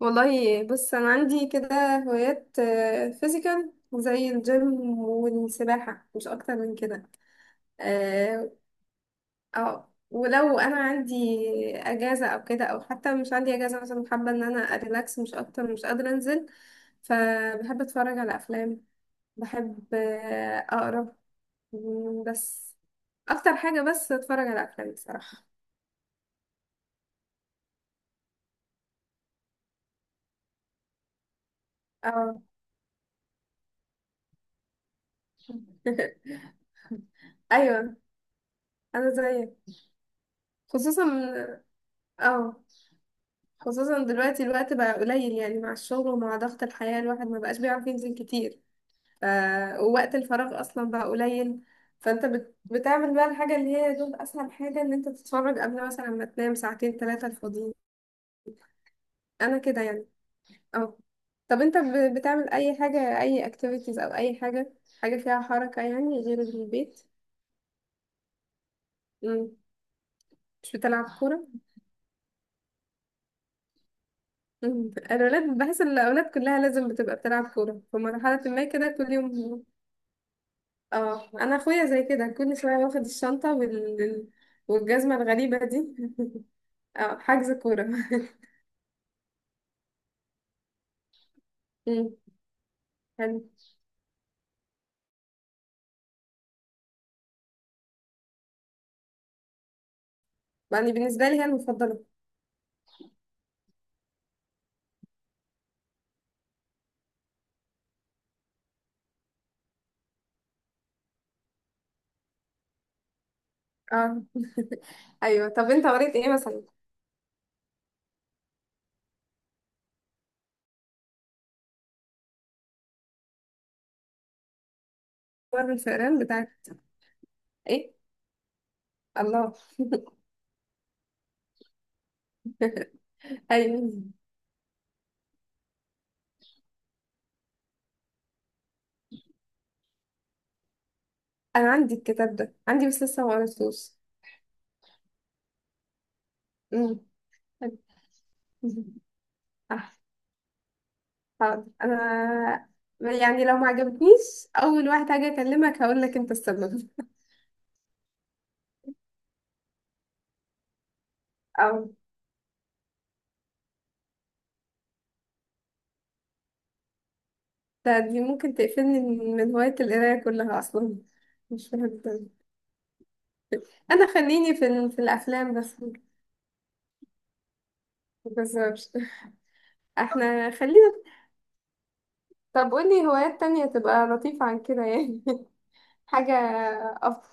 والله بص، انا عندي كده هوايات فيزيكال زي الجيم والسباحة مش اكتر من كده. اه. ولو انا عندي اجازة او كده، او حتى مش عندي اجازة مثلا، حابة ان انا اريلاكس مش اكتر، مش قادرة انزل. فبحب اتفرج على افلام، بحب اقرا، بس. اكتر حاجة بس اتفرج على افلام بصراحة. اه. ايوه، انا زيك. خصوصا اه خصوصا دلوقتي الوقت بقى قليل، يعني مع الشغل ومع ضغط الحياة الواحد ما بقاش بيعرف ينزل كتير. ف... ووقت الفراغ أصلا بقى قليل. فأنت بتعمل بقى الحاجة اللي هي دول، أسهل حاجة إن أنت تتفرج قبل مثلا ما تنام ساعتين ثلاثة الفاضيين. أنا كده يعني. اه. طب أنت بتعمل أي حاجة، أي activities أو أي حاجة، حاجة فيها حركة يعني غير البيت؟ مم. مش بتلعب كورة؟ مم. الأولاد، بحس إن الأولاد كلها لازم بتبقى بتلعب كورة في مرحلة ما كده، كل يوم. اه، انا اخويا زي كده كل شويه واخد الشنطه والجزمه الغريبه دي. اه، حجز كوره. مم. حلو. يعني بالنسبه لي هي المفضله. اه. ايوه، طب انت قريت ايه مثلا؟ مر الفئران بتاعك؟ ايه؟ الله. ايوه، انا عندي الكتاب ده عندي بس لسه ما قريتوش. مم. حلو. آه، حاضر. انا يعني لو ما عجبتنيش، اول واحد هاجي اكلمك هقول لك انت السبب. اه. لا، دي ممكن تقفلني من هواية القراية كلها أصلا. مش بحب. أنا خليني في الأفلام بس. مبهزرش. احنا خلينا. طب قولي هوايات تانية تبقى لطيفة عن كده يعني. حاجة أفضل.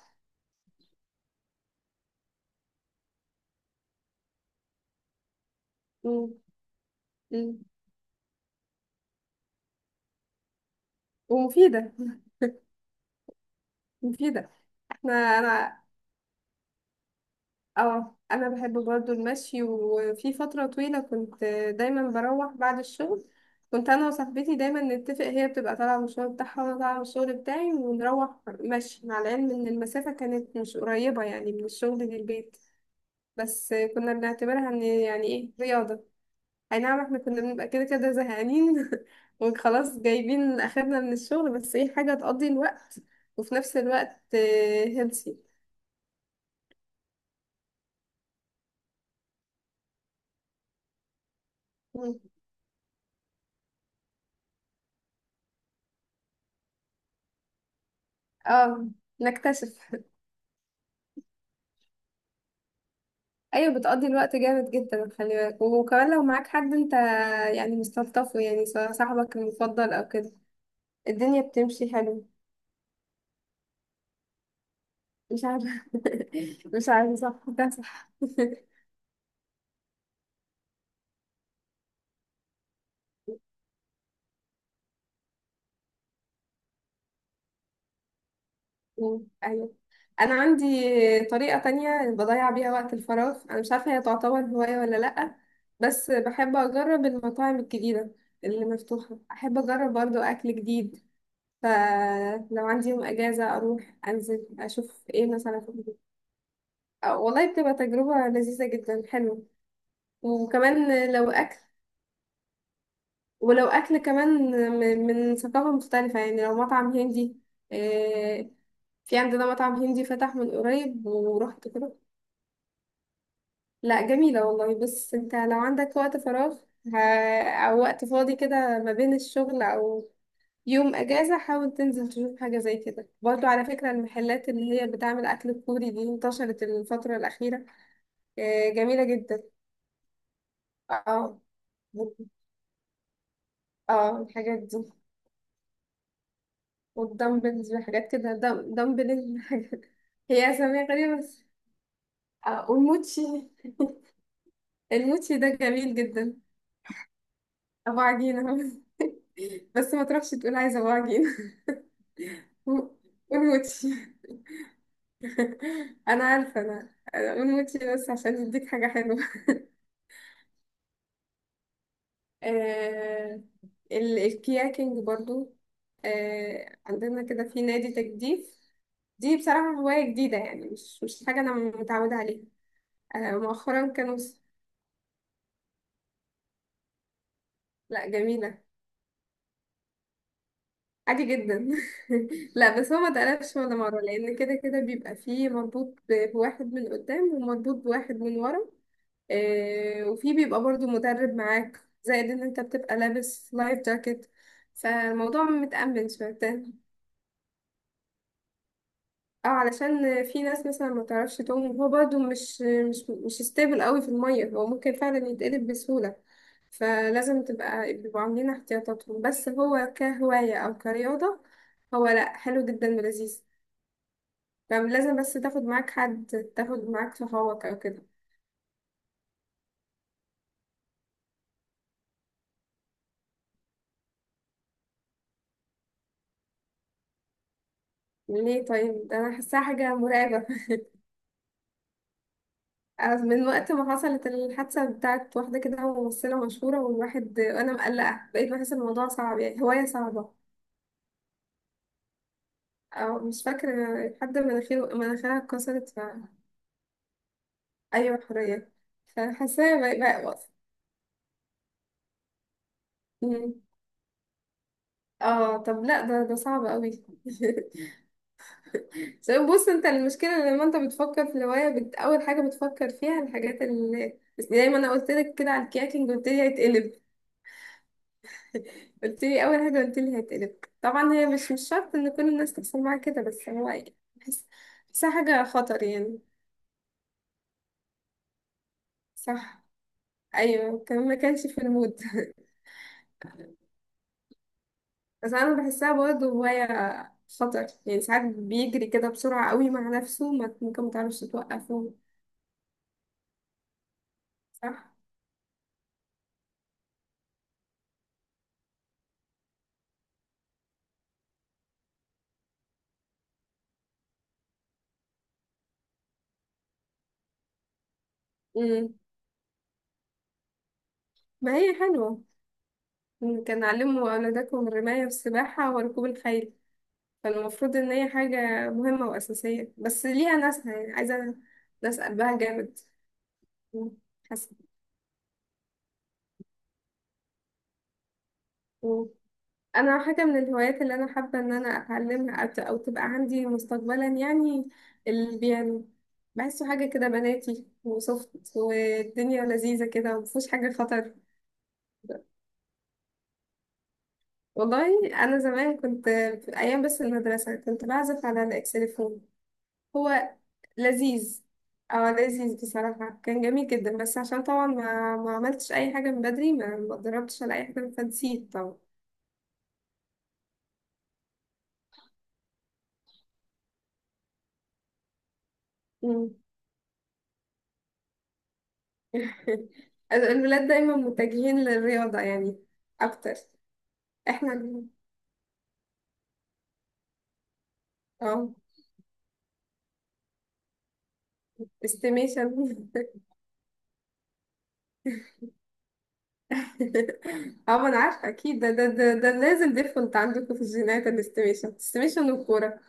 م- م- ومفيدة. مفيدة. أنا. اه. انا بحب برضو المشي، وفي فتره طويله كنت دايما بروح بعد الشغل. كنت انا وصاحبتي دايما نتفق، هي بتبقى طالعه من الشغل بتاعها وانا طالعه من الشغل بتاعي، ونروح مشي، مع العلم ان المسافه كانت مش قريبه يعني من الشغل للبيت. بس كنا بنعتبرها ان يعني ايه، رياضه. اي نعم، احنا كنا بنبقى كده كده زهقانين وخلاص جايبين اخرنا من الشغل، بس ايه، حاجه تقضي الوقت. وفي نفس الوقت هيلثي. اه. نكتشف. ايوه، بتقضي الوقت جامد جدا، خلي بالك، وكمان لو معاك حد انت يعني مستلطفه، يعني سواء صاحبك المفضل او كده. الدنيا بتمشي حلو. مش عارفه. مش عارفه، صح ده صح. ايوه، انا عندي طريقه تانية بضيع بيها وقت الفراغ، انا مش عارفه هي تعتبر هوايه ولا لا. بس بحب اجرب المطاعم الجديده اللي مفتوحه، احب اجرب برضو اكل جديد. فلو عندي يوم اجازه اروح انزل اشوف ايه مثلا. آه، والله بتبقى تجربة لذيذة جدا، حلوة. وكمان لو أكل، ولو أكل كمان من ثقافة مختلفة، يعني لو مطعم هندي. آه، في عندنا مطعم هندي فتح من قريب، ورحت كده. لا جميلة والله. بس انت لو عندك وقت فراغ، ه- أو وقت فاضي كده ما بين الشغل أو يوم أجازة، حاول تنزل تشوف حاجة زي كده. برضو على فكرة، المحلات اللي هي بتعمل أكل كوري دي انتشرت الفترة الأخيرة. آه، جميلة جدا. اه. اه الحاجات دي. والدمبلز وحاجات كده، دمبل حاجات. هي اسامي غريبة بس. اه، والموتشي. الموتشي ده جميل جدا. ابو عجينة. بس ما تروحش تقول عايزة ابو عجينة. والموتشي، انا عارفة. أنا والموتشي بس عشان يديك حاجة حلوة. آه، الكياكينج برضو. آه، عندنا كده في نادي تجديف. دي بصراحة هواية جديدة يعني، مش حاجة أنا متعودة عليها. آه، مؤخرا كانوا. لا جميلة. عادي جدا. لا بس هو ما اتقلبش ولا مرة، لأن كده كده بيبقى فيه مربوط بواحد من قدام، ومربوط بواحد من ورا. آه، وفي بيبقى برضو مدرب معاك. زائد ان انت بتبقى لابس لايف جاكيت، فالموضوع متأمن شويتين. اه، علشان في ناس مثلا ما تعرفش تعوم، وهو برضو مش ستيبل قوي في المية، هو ممكن فعلا يتقلب بسهولة. فلازم تبقى بيبقوا عاملين احتياطاتهم. بس هو كهواية أو كرياضة. هو لأ، حلو جدا ولذيذ. فلازم بس تاخد معاك حد، تاخد معاك صحابك أو كده. ليه؟ طيب ده أنا حاساها حاجة مرعبة. أنا من وقت ما حصلت الحادثة بتاعت واحدة كده ممثلة مشهورة، والواحد أنا مقلقة، بقيت بحس إن الموضوع صعب، يعني هواية صعبة. أو مش فاكرة. حد مناخيرها اتكسرت. أيوة، حرية. فحاساها بقى. بقى- اه. طب لا، ده صعب قوي. عشان بص انت المشكله، لما انت بتفكر في الهوايه اول حاجه بتفكر فيها الحاجات، اللي بس زي ما انا قلت لك كده على الكياكينج قلت لي هيتقلب. قلت لي اول حاجه، قلت لي هيتقلب. طبعا هي مش شرط ان كل الناس تحصل معاها كده، بس هو يعني بحس. بحسها حاجه خطر يعني. صح. ايوه، كان ما كانش في المود. بس انا بحسها برضه هوايه خطر، يعني ساعات بيجري كده بسرعه قوي مع نفسه، ممكن ما تعرفش توقفه. صح. امم ما هي حلوة. كان علموا أولادكم الرماية والسباحة وركوب الخيل. فالمفروض إن هي حاجة مهمة وأساسية، بس ليها ناسها يعني، عايزة. ناس قلبها جامد. مم. حسن. مم. أنا حاجة من الهوايات اللي أنا حابة إن أنا أتعلمها، أو أو تبقى عندي مستقبلا يعني. البيانو. بحسه حاجة كده بناتي وسوفت والدنيا لذيذة كده، ومفيهوش حاجة خطر. والله. أنا زمان كنت في أيام بس المدرسة كنت بعزف على الإكسليفون. هو لذيذ. اه، لذيذ بصراحة، كان جميل جدا، بس عشان طبعا ما عملتش أي حاجة من بدري، ما اتدربتش على أي حاجة فنسيت طبعا. مم. الولاد دايما متجهين للرياضة يعني أكتر. احنا اه، استيميشن. اه، ما أنا عارفة أكيد ده لازم ديفولت عندكم في الجينات، الاستيميشن استيميشن والكورة.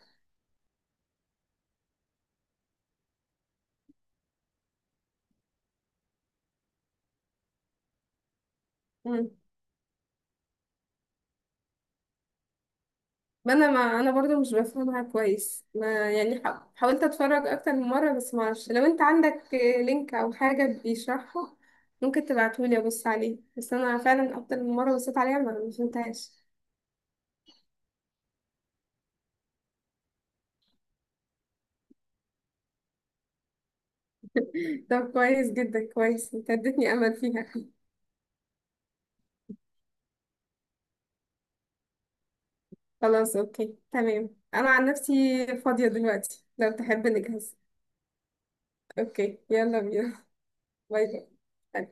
ما انا برضو مش بفهمها كويس، ما يعني حاولت اتفرج اكتر من مره، بس ما اعرفش، لو انت عندك لينك او حاجه بيشرحه. ممكن تبعتهولي ابص عليه، بس انا فعلا اكتر من مره بصيت عليها ما فهمتهاش. طب كويس جدا، كويس، انت اديتني امل فيها. خلاص اوكي تمام، انا عن نفسي فاضيه دلوقتي لو تحب نجهز. اوكي، يلا بينا. باي. باي.